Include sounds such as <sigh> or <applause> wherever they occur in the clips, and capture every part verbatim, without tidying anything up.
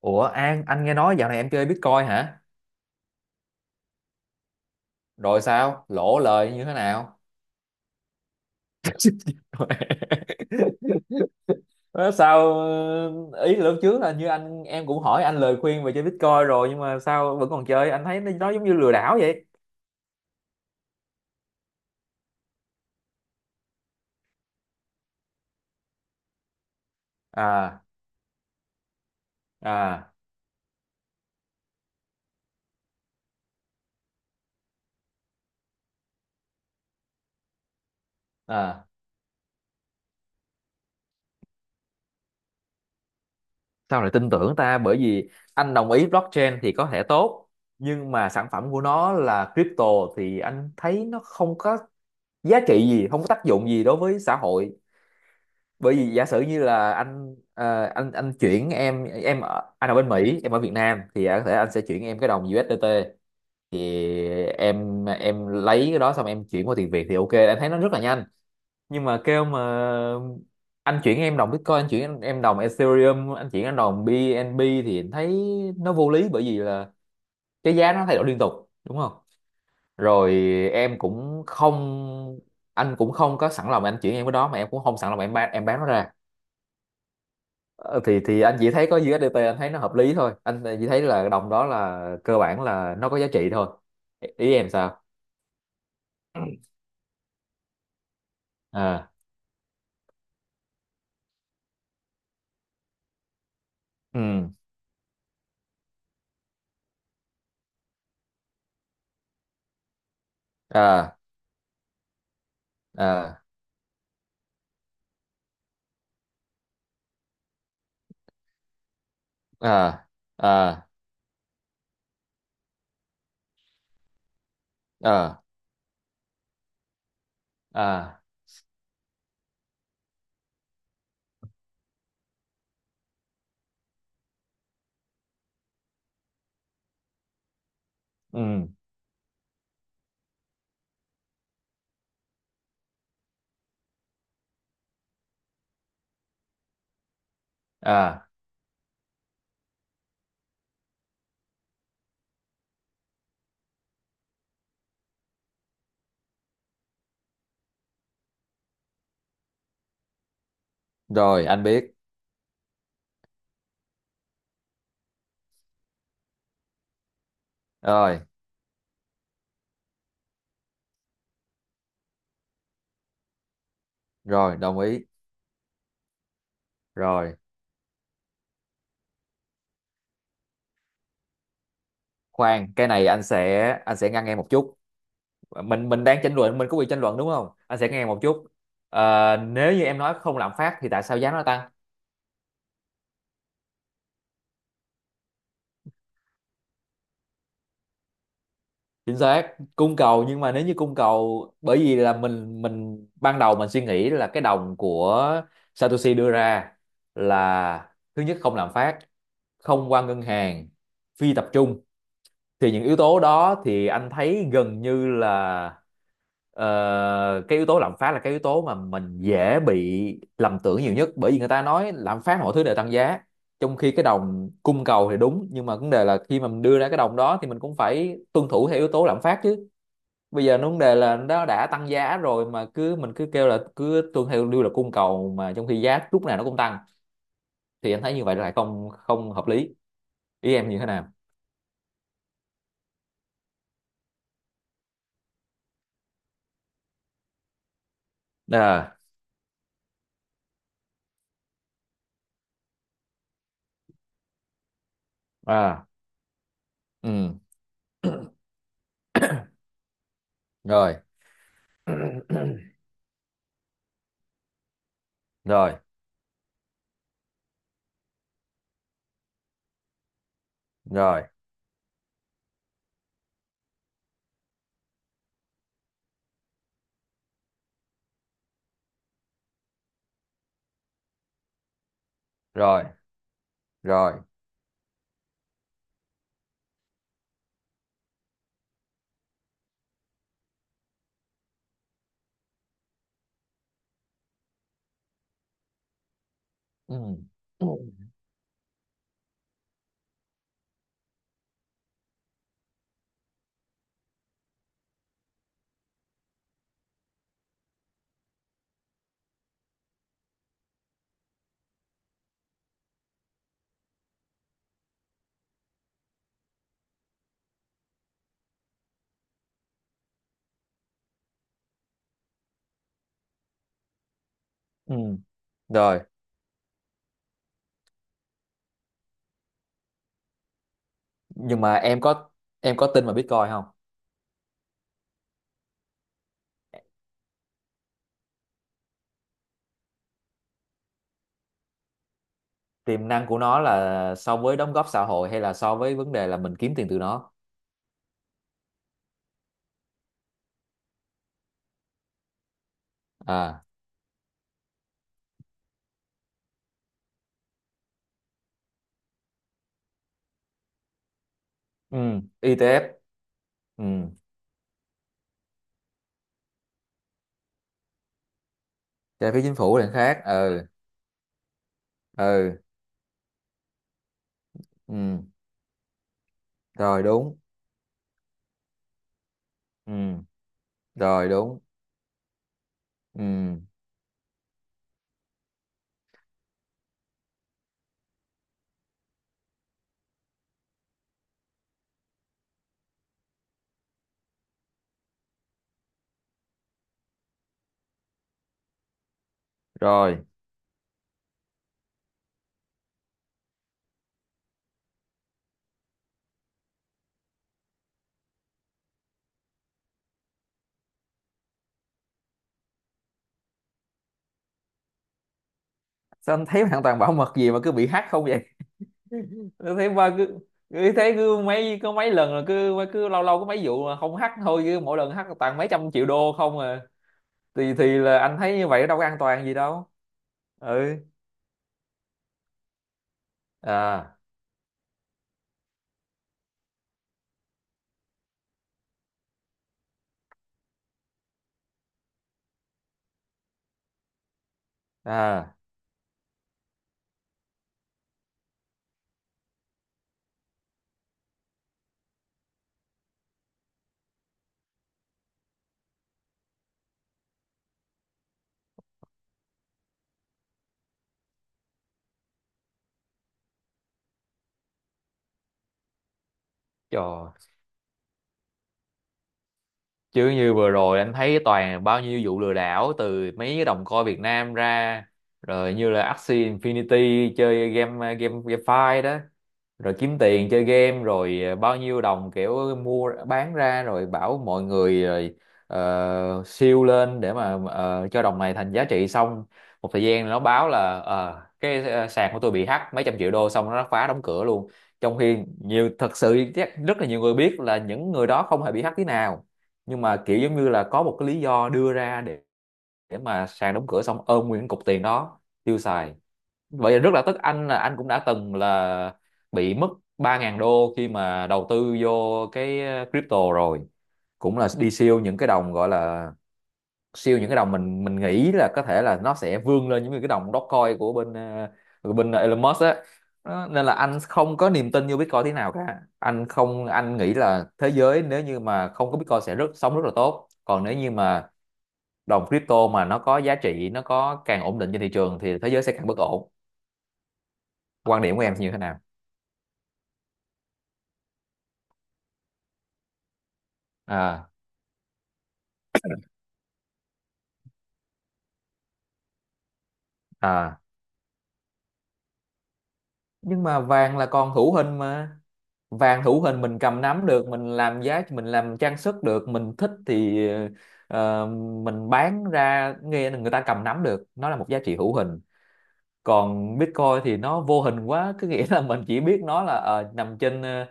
Ủa An, anh nghe nói dạo này em chơi Bitcoin hả? Rồi sao? Lỗ lời như thế nào? <laughs> Nói sao. Ờ, ý là lúc trước là như anh em cũng hỏi anh lời khuyên về chơi Bitcoin rồi, nhưng mà sao vẫn còn chơi? Anh thấy nó nó giống như lừa đảo vậy. À, à, à. Sao lại tin tưởng ta? Bởi vì anh đồng ý blockchain thì có thể tốt nhưng mà sản phẩm của nó là crypto thì anh thấy nó không có giá trị gì, không có tác dụng gì đối với xã hội, bởi vì giả sử như là anh ờ, anh anh chuyển em em ở, anh ở bên Mỹ, em ở Việt Nam thì có thể anh sẽ chuyển em cái đồng u ét đê tê, thì em em lấy cái đó xong em chuyển qua tiền Việt thì ok, em thấy nó rất là nhanh. Nhưng mà kêu mà, anh chuyển em đồng Bitcoin, anh chuyển em đồng Ethereum, anh chuyển em đồng bê en bê, thì em thấy nó vô lý, bởi vì là cái giá nó thay đổi liên tục, đúng không? Rồi. Em cũng không, anh cũng không có sẵn lòng anh chuyển em cái đó, mà em cũng không sẵn lòng em bán em bán nó ra. Ờ, thì thì anh chỉ thấy có u ét đê tê, anh thấy nó hợp lý thôi, anh chỉ thấy là đồng đó là cơ bản là nó có giá trị thôi. Ý ý em sao? À. Ừ. À. À. À. À. À. À. Ừ. À. Rồi anh biết. Rồi. Rồi, đồng ý. Rồi. Khoan, cái này anh sẽ anh sẽ ngăn em một chút. Mình mình đang tranh luận, mình có quyền tranh luận đúng không, anh sẽ ngăn em một chút. Ờ, nếu như em nói không lạm phát thì tại sao giá nó tăng? Chính xác cung cầu, nhưng mà nếu như cung cầu, bởi vì là mình mình ban đầu mình suy nghĩ là cái đồng của Satoshi đưa ra là thứ nhất không lạm phát, không qua ngân hàng, phi tập trung, thì những yếu tố đó thì anh thấy gần như là ờ, cái yếu tố lạm phát là cái yếu tố mà mình dễ bị lầm tưởng nhiều nhất, bởi vì người ta nói lạm phát mọi thứ đều tăng giá, trong khi cái đồng cung cầu thì đúng, nhưng mà vấn đề là khi mà mình đưa ra cái đồng đó thì mình cũng phải tuân thủ theo yếu tố lạm phát chứ. Bây giờ vấn đề là nó đã tăng giá rồi mà cứ mình cứ kêu là cứ tuân theo lưu là cung cầu mà trong khi giá lúc nào nó cũng tăng, thì anh thấy như vậy là không không hợp lý. Ý em như thế nào? À. À. Ừ. Rồi. <coughs> <clears throat> Rồi. Rồi. Rồi. Rồi. Ừ. Ừ. Ừ. Rồi. Nhưng mà em có em có tin vào Bitcoin không? Tiềm năng của nó là so với đóng góp xã hội hay là so với vấn đề là mình kiếm tiền từ nó? À. Ừ. e tê ép. Ừ, trái phiếu chính phủ là khác. Ừ. Ừ. Ừ. Rồi, đúng. Ừ. Rồi, đúng. Ừ. Rồi. Sao anh thấy hoàn toàn bảo mật gì mà cứ bị hack không vậy? <laughs> Tôi thấy ba cứ cứ thấy cứ mấy, có mấy lần là cứ cứ lâu lâu có mấy vụ mà không hack thôi, cứ mỗi lần hack toàn mấy trăm triệu đô không à. Thì thì là anh thấy như vậy đâu có an toàn gì đâu. Ừ. À. À. Trời. Chứ như vừa rồi anh thấy toàn bao nhiêu vụ lừa đảo từ mấy cái đồng coi Việt Nam ra, rồi như là Axie Infinity chơi game, game GameFi đó. Rồi kiếm tiền chơi game, rồi ờ, bao nhiêu đồng kiểu mua bán ra rồi bảo mọi người, rồi ờ, siêu lên để mà ờ, cho đồng này thành giá trị xong. Một thời gian nó báo là ờ, cái ờ, sàn của tôi bị hack mấy trăm triệu đô, xong nó phá đóng cửa luôn. Trong khi nhiều, thật sự chắc rất là nhiều người biết là những người đó không hề bị hack tí nào, nhưng mà kiểu giống như là có một cái lý do đưa ra để, để mà sàn đóng cửa xong ôm nguyên cục tiền đó tiêu xài. Vậy là rất là tức, anh là anh cũng đã từng là bị mất ba ngàn đô khi mà đầu tư vô cái ờ, crypto rồi, cũng là đi siêu những cái đồng gọi là siêu những cái đồng mình mình nghĩ là có thể là nó sẽ vươn lên những cái đồng Dogecoin của bên ờ, của bên Elon Musk á. Đó, nên là anh không có niềm tin vô Bitcoin thế nào cả, anh không, anh nghĩ là thế giới nếu như mà không có Bitcoin sẽ rất sống rất là tốt, còn nếu như mà đồng crypto mà nó có giá trị nó có càng ổn định trên thị trường thì thế giới sẽ càng bất ổn. Quan điểm của em thì như thế nào? À. À. Nhưng mà vàng là còn hữu hình mà. Vàng hữu hình mình cầm nắm được, mình làm giá, mình làm trang sức được, mình thích thì ờ, mình bán ra nghe là người ta cầm nắm được, nó là một giá trị hữu hình. Còn Bitcoin thì nó vô hình quá <laughs> cứ nghĩa là mình chỉ biết nó là ờ, nằm trên ờ,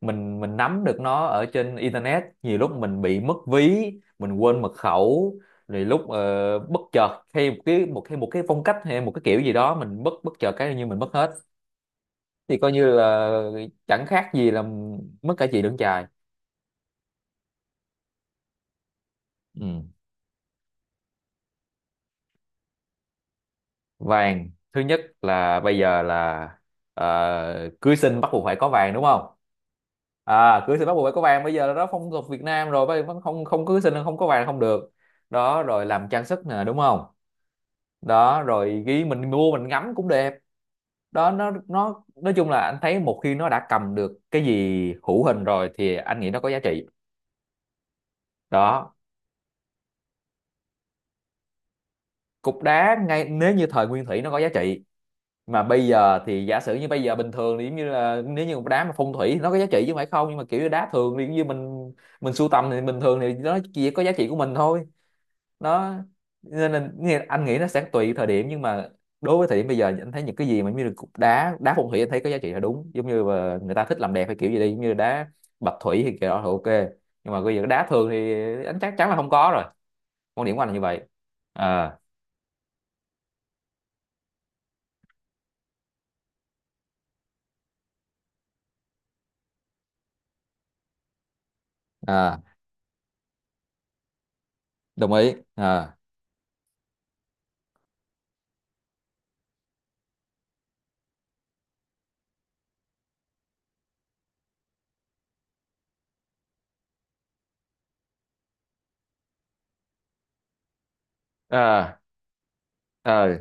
mình mình nắm được nó ở trên internet, nhiều lúc mình bị mất ví, mình quên mật khẩu, rồi lúc ờ, bất chợt hay một cái một hay một cái phong cách hay một cái kiểu gì đó mình bất bất chợt cái như mình mất hết, thì coi như là chẳng khác gì là mất cả chị lẫn chài. Ừ. Vàng thứ nhất là bây giờ là ờ, cưới xin bắt buộc phải có vàng đúng không? À, cưới xin bắt buộc phải có vàng, bây giờ là đó phong tục Việt Nam rồi, bây vẫn không, không cưới xin là không có vàng không được. Đó, rồi làm trang sức nè, đúng không? Đó, rồi ghi mình mua mình ngắm cũng đẹp. Đó, nó nó nói chung là anh thấy một khi nó đã cầm được cái gì hữu hình rồi thì anh nghĩ nó có giá trị. Đó. Cục đá, ngay nếu như thời nguyên thủy nó có giá trị, mà bây giờ thì giả sử như bây giờ bình thường thì giống như là nếu như một đá mà phong thủy nó có giá trị chứ không phải không, nhưng mà kiểu như đá thường thì giống như mình mình sưu tầm thì bình thường thì nó chỉ có giá trị của mình thôi. Nó, nên là nghe- anh nghĩ nó sẽ tùy thời điểm, nhưng mà đối với thời điểm bây giờ anh thấy những cái gì mà giống như là cục đá, đá phong thủy anh thấy có giá trị là đúng, giống như là người ta thích làm đẹp hay kiểu gì đi giống như đá bạch thủy thì kiểu đó thì ok. Nhưng mà bây giờ đá thường thì anh chắc chắn là không có rồi. Quan điểm của anh là như vậy. À. À, đồng ý. À. À. Ờ.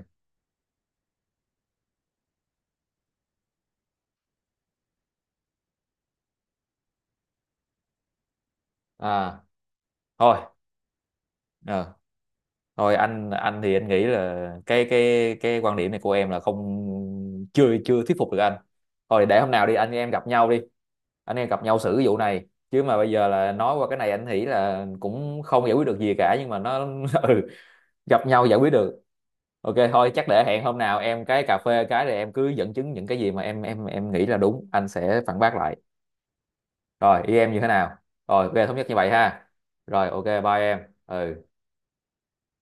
À. Thôi. Ờ, Thôi, anh anh thì anh nghĩ là cái cái cái quan điểm này của em là không, chưa chưa thuyết phục được anh. Thôi để hôm nào đi anh em gặp nhau đi, anh em gặp nhau xử cái vụ này. Chứ mà bây giờ là nói qua cái này anh nghĩ là cũng không giải quyết được gì cả, nhưng mà nó <laughs> ừ, gặp nhau giải quyết được. Ok thôi chắc để hẹn hôm nào em cái cà phê cái rồi em cứ dẫn chứng những cái gì mà em em em nghĩ là đúng, anh sẽ phản bác lại. Rồi ý em như thế nào? Rồi ok thống nhất như vậy ha. Rồi ok bye em. Ừ.